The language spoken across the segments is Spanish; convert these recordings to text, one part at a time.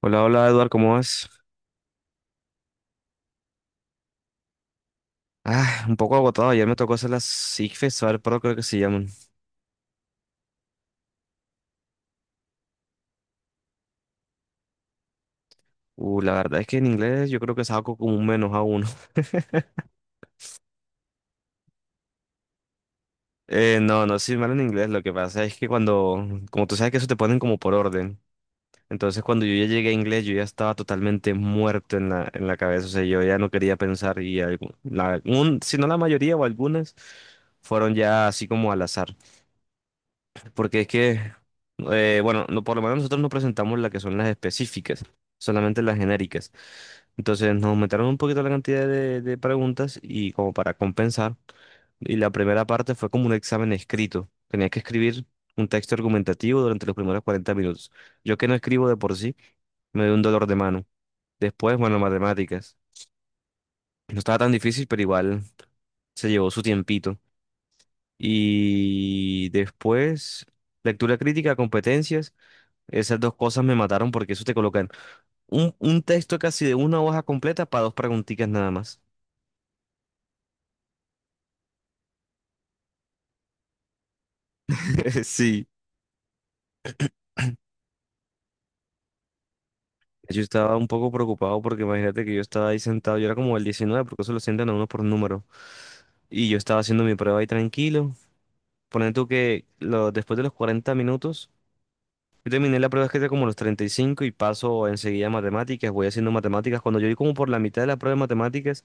Hola, hola Eduard, ¿cómo vas? Ah, un poco agotado. Ayer me tocó hacer las SIG Festival Pro, creo que se llaman. La verdad es que en inglés yo creo que saco como un menos a uno. No, no soy mal en inglés. Lo que pasa es que cuando, como tú sabes que eso te ponen como por orden. Entonces cuando yo ya llegué a inglés, yo ya estaba totalmente muerto en la cabeza. O sea, yo ya no quería pensar y si no la mayoría o algunas fueron ya así como al azar. Porque es que, bueno, no, por lo menos nosotros no presentamos las que son las específicas, solamente las genéricas. Entonces nos aumentaron un poquito la cantidad de preguntas y como para compensar. Y la primera parte fue como un examen escrito. Tenías que escribir un texto argumentativo durante los primeros 40 minutos. Yo que no escribo de por sí, me dio un dolor de mano. Después, bueno, matemáticas. No estaba tan difícil, pero igual se llevó su tiempito. Y después, lectura crítica, competencias. Esas dos cosas me mataron porque eso te colocan un texto casi de una hoja completa para dos preguntitas nada más. Sí. Yo estaba un poco preocupado porque imagínate que yo estaba ahí sentado, yo era como el 19 porque eso lo sientan a uno por número. Y yo estaba haciendo mi prueba ahí tranquilo. Ponen tú que después de los 40 minutos, yo terminé la prueba escrita como a los 35 y cinco y paso enseguida a matemáticas, voy haciendo matemáticas. Cuando yo vi como por la mitad de la prueba de matemáticas,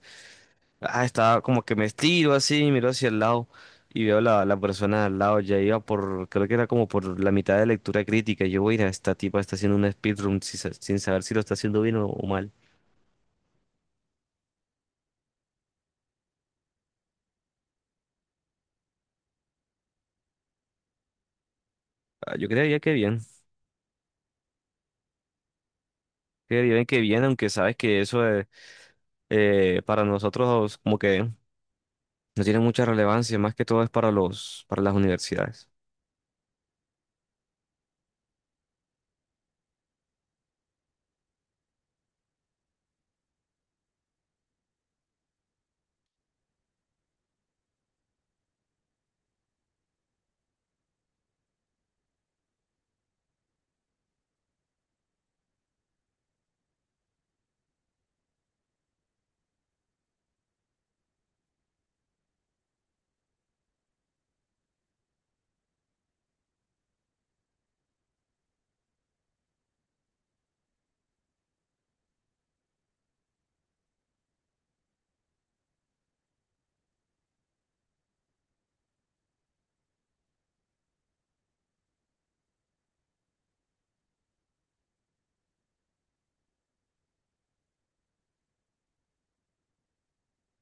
ah, estaba como que me estiro así, miro hacia el lado y veo la persona al lado, ya iba por, creo que era como por la mitad de lectura crítica. Yo, voy a esta tipa está haciendo una speedrun sin saber si lo está haciendo bien o mal. Ah, yo creería que bien, creería bien que bien, aunque sabes que eso para nosotros como que no tiene mucha relevancia, más que todo es para las universidades.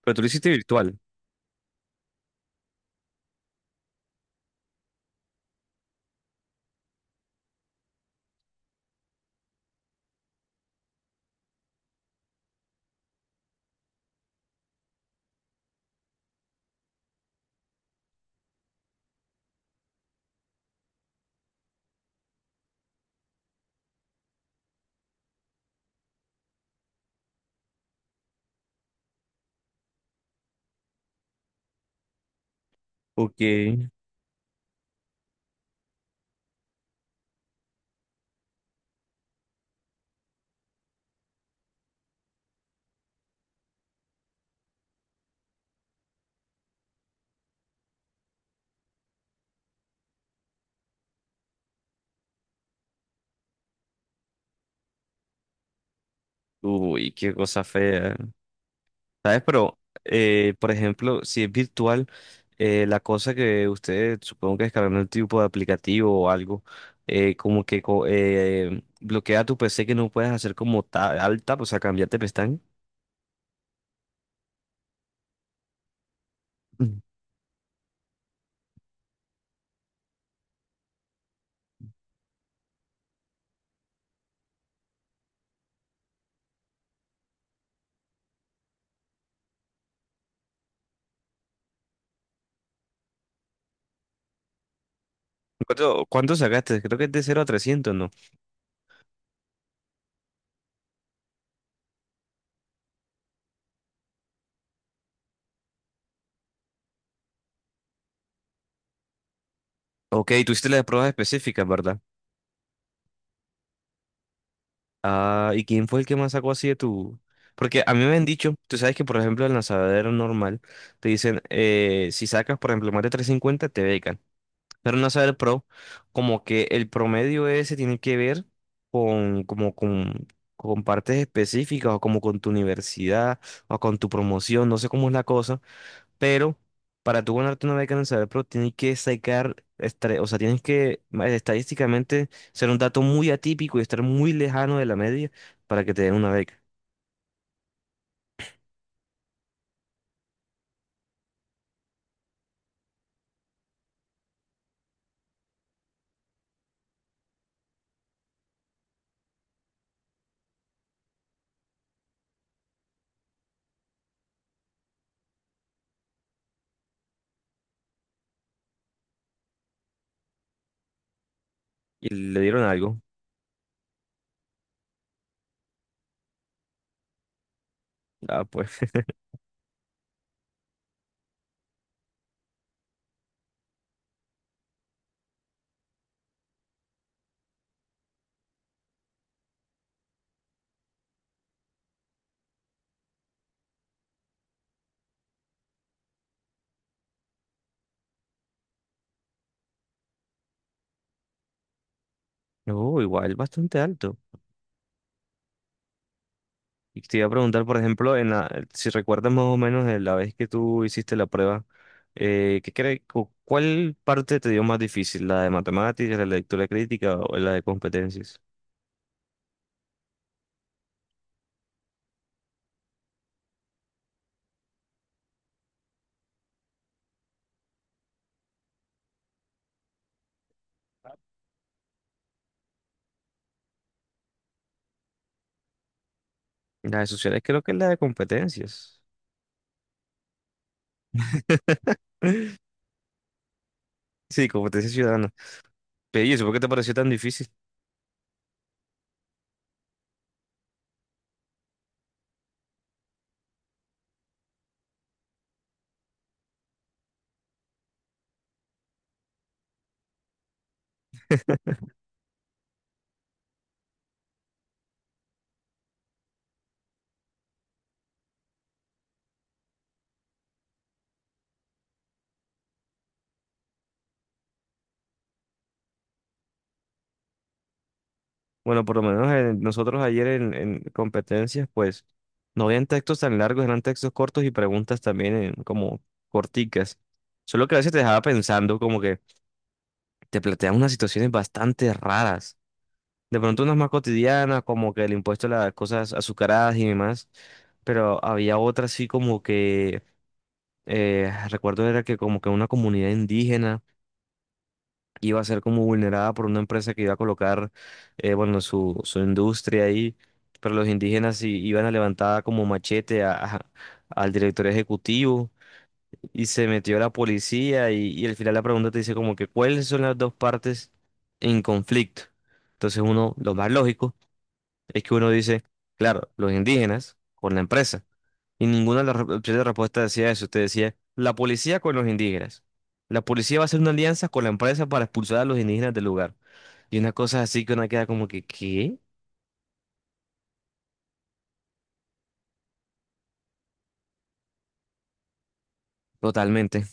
Pero tú lo hiciste virtual. Ok. Uy, qué cosa fea. ¿Sabes? Pero, por ejemplo, si es virtual, la cosa que ustedes supongo que descargan un tipo de aplicativo o algo, como que bloquea tu PC que no puedes hacer como ta al tap, o sea, cambiarte pestaña. Mm. ¿Cuánto sacaste? Creo que es de 0 a 300, ¿no? Ok, tú hiciste las pruebas específicas, ¿verdad? Ah, ¿y quién fue el que más sacó así de tu...? Porque a mí me han dicho, tú sabes que, por ejemplo, en la lanzadero normal, te dicen, si sacas, por ejemplo, más de 350 te becan. Pero no saber pro, como que el promedio ese tiene que ver con, como con, con partes específicas o como con tu universidad o con tu promoción, no sé cómo es la cosa, pero para tú ganarte una beca en el saber pro tienes que sacar, o sea, tienes que estadísticamente ser un dato muy atípico y estar muy lejano de la media para que te den una beca. Y le dieron algo. Ah, pues, no, igual bastante alto. Y te iba a preguntar, por ejemplo, si recuerdas más o menos de la vez que tú hiciste la prueba, ¿qué crees, cuál parte te dio más difícil? ¿La de matemáticas, la de lectura crítica o la de competencias? La de sociales creo que es la de competencias. Sí, competencias ciudadanas. Pero, ¿y eso por qué te pareció tan difícil? Bueno, por lo menos nosotros ayer en competencias, pues no habían textos tan largos, eran textos cortos y preguntas también como corticas. Solo que a veces te dejaba pensando como que te plantean unas situaciones bastante raras. De pronto unas más cotidianas, como que el impuesto a las cosas azucaradas y demás, pero había otras así como que, recuerdo era que como que una comunidad indígena iba a ser como vulnerada por una empresa que iba a colocar, bueno, su industria ahí, pero los indígenas iban a levantar como machete al director ejecutivo y se metió la policía y al final la pregunta te dice como que cuáles son las dos partes en conflicto. Entonces uno, lo más lógico es que uno dice, claro, los indígenas con la empresa. Y ninguna de las opciones de respuesta decía eso. Te decía, la policía con los indígenas. La policía va a hacer una alianza con la empresa para expulsar a los indígenas del lugar. Y una cosa así que una queda como que, ¿qué? Totalmente.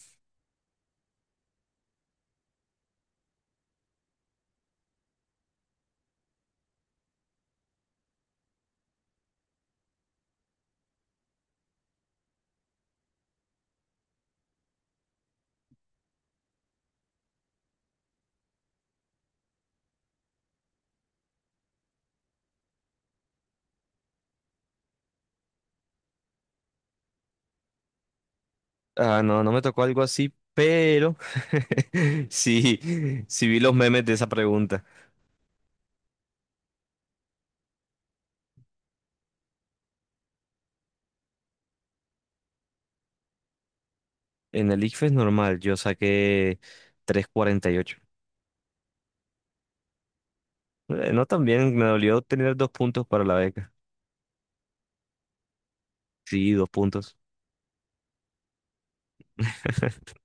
Ah, no, no me tocó algo así, pero sí, sí vi los memes de esa pregunta. En el ICFES normal, yo saqué 3,48. No tan bien, me dolió tener 2 puntos para la beca. Sí, 2 puntos.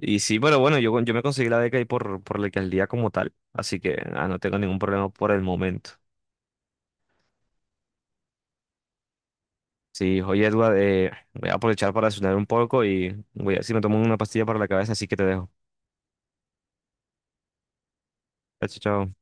Y sí, pero bueno, yo me conseguí la beca ahí por la alcaldía como tal, así que no tengo ningún problema por el momento. Sí, oye, Edward, voy a aprovechar para sonar un poco y si me tomo una pastilla para la cabeza, así que te dejo. Chao, chao.